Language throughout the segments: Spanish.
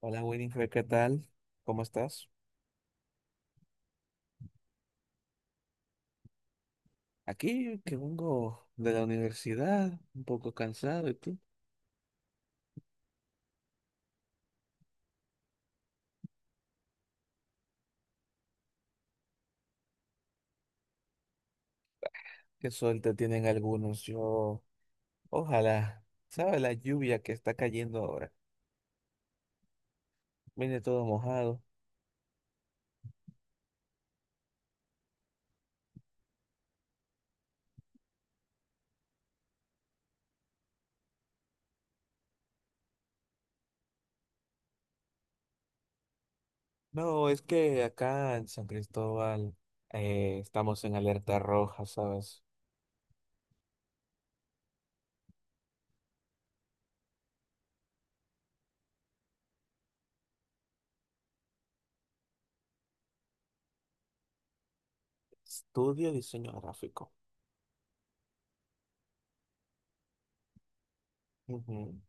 Hola Winifred, ¿qué tal? ¿Cómo estás? Aquí que vengo de la universidad, un poco cansado, ¿y tú? Qué suerte tienen algunos. Yo, ojalá, ¿sabes la lluvia que está cayendo ahora? Viene todo mojado. No, es que acá en San Cristóbal estamos en alerta roja, ¿sabes? Estudio diseño gráfico. Ujú.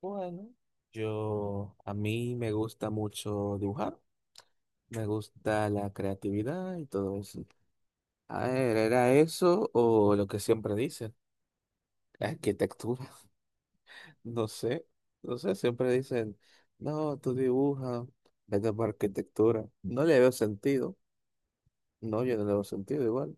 Bueno, yo, a mí me gusta mucho dibujar, me gusta la creatividad y todo eso. A ver, ¿era eso o lo que siempre dicen? La arquitectura. No sé, no sé, siempre dicen, no, tú dibujas, vete por arquitectura. No le veo sentido. No, yo no le veo sentido igual.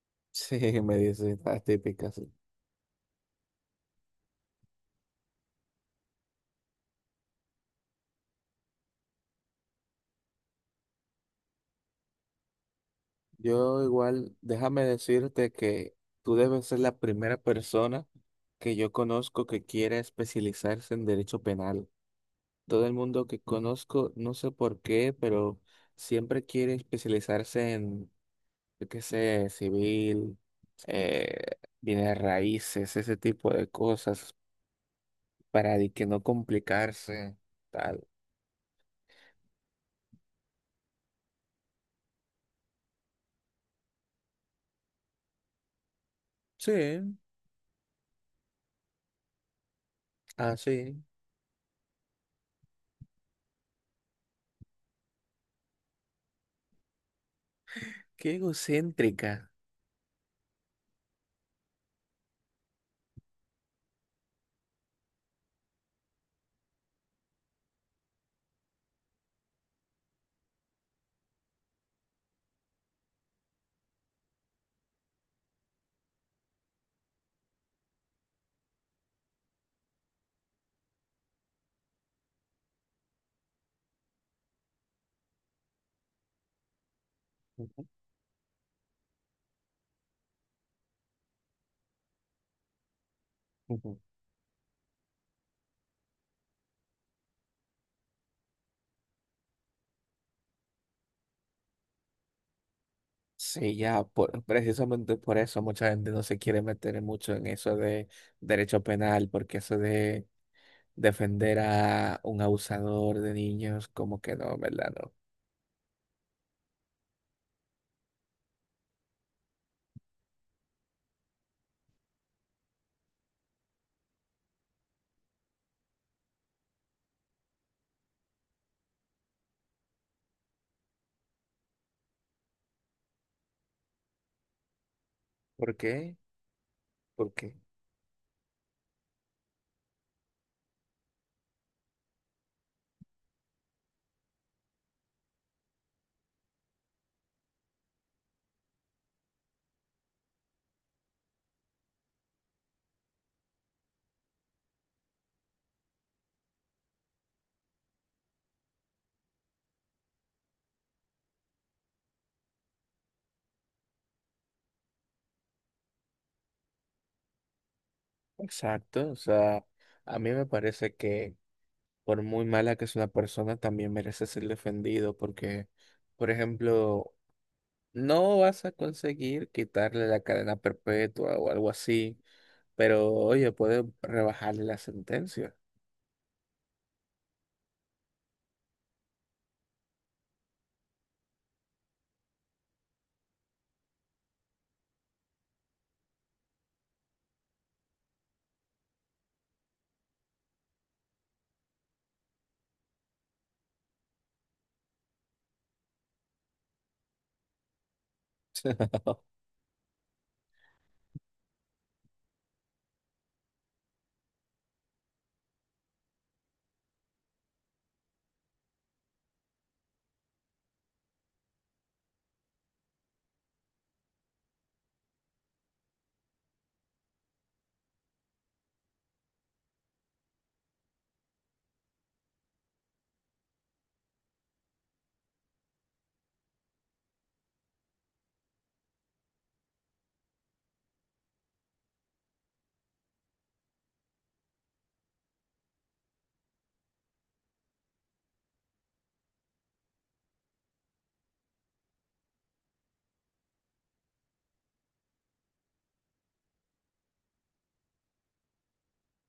Sí, me dice las típicas. Sí. Yo igual, déjame decirte que tú debes ser la primera persona que yo conozco que quiera especializarse en derecho penal. Todo el mundo que conozco, no sé por qué, pero siempre quiere especializarse en yo qué sé, civil, eh, bienes raíces, ese tipo de cosas, para de que no complicarse, tal. Sí, así. Qué egocéntrica. Ujú, ujú. Sí, ya, precisamente por eso mucha gente no se quiere meter mucho en eso de derecho penal, porque eso de defender a un abusador de niños, como que no, ¿verdad? No. ¿Por qué? ¿Por qué? Exacto, o sea, a mí me parece que por muy mala que es una persona, también merece ser defendido porque, por ejemplo, no vas a conseguir quitarle la cadena perpetua o algo así, pero oye, puede rebajarle la sentencia.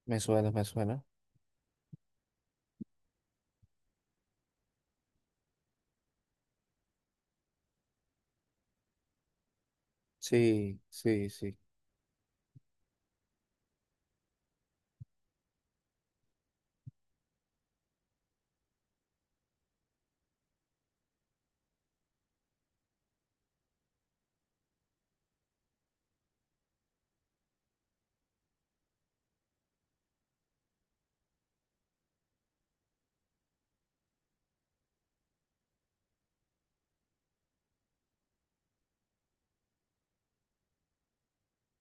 Me suena, me suena. Sí, sí, sí.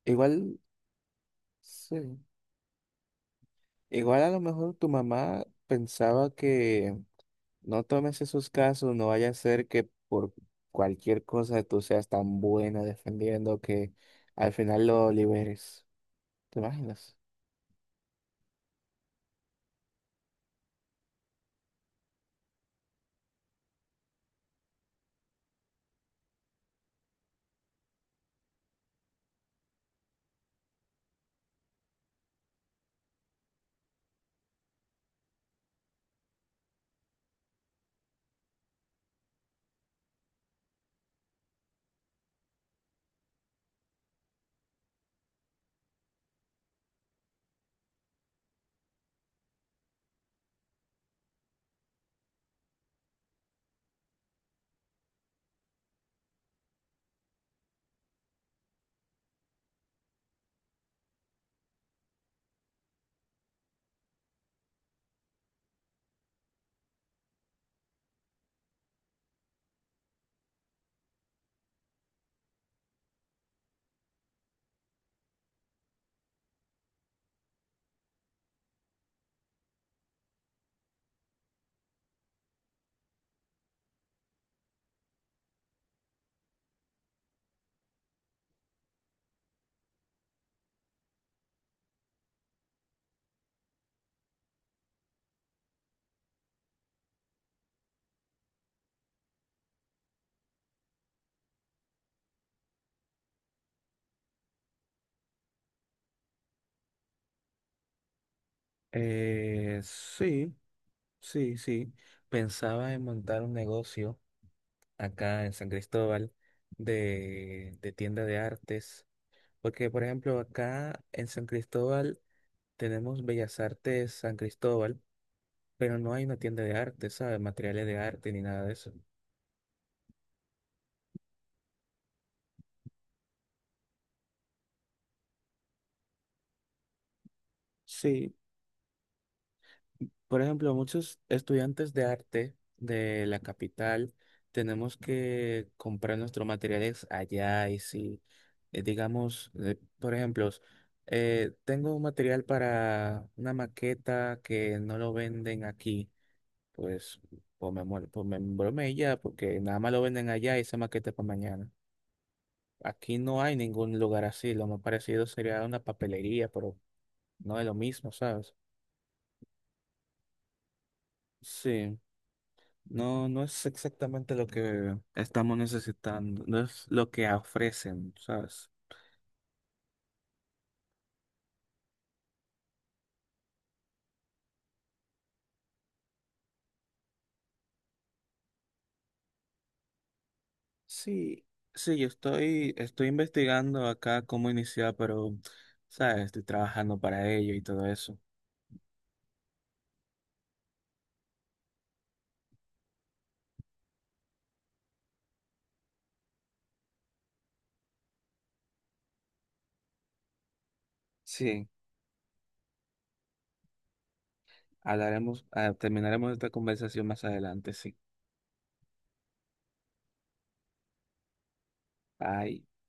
Igual, sí. Igual a lo mejor tu mamá pensaba que no tomes esos casos, no vaya a ser que por cualquier cosa tú seas tan buena defendiendo que al final lo liberes. ¿Te imaginas? Sí, sí, sí. Pensaba en montar un negocio acá en San Cristóbal de tienda de artes, porque por ejemplo acá en San Cristóbal tenemos Bellas Artes San Cristóbal, pero no hay una tienda de arte, ¿sabes? Materiales de arte ni nada de eso. Sí, por ejemplo, muchos estudiantes de arte de la capital tenemos que comprar nuestros materiales allá y si, digamos, por ejemplo, tengo un material para una maqueta que no lo venden aquí, pues, pues me muero, pues me embromé y ya, porque nada más lo venden allá y esa maqueta es para mañana. Aquí no hay ningún lugar así, lo más parecido sería una papelería, pero no es lo mismo, ¿sabes? Sí. No, no es exactamente lo que estamos necesitando, no es lo que ofrecen, ¿sabes? Sí, sí, yo estoy, estoy investigando acá cómo iniciar, pero, ¿sabes? Estoy trabajando para ello y todo eso. Sí, hablaremos, terminaremos esta conversación más adelante, sí. Bye.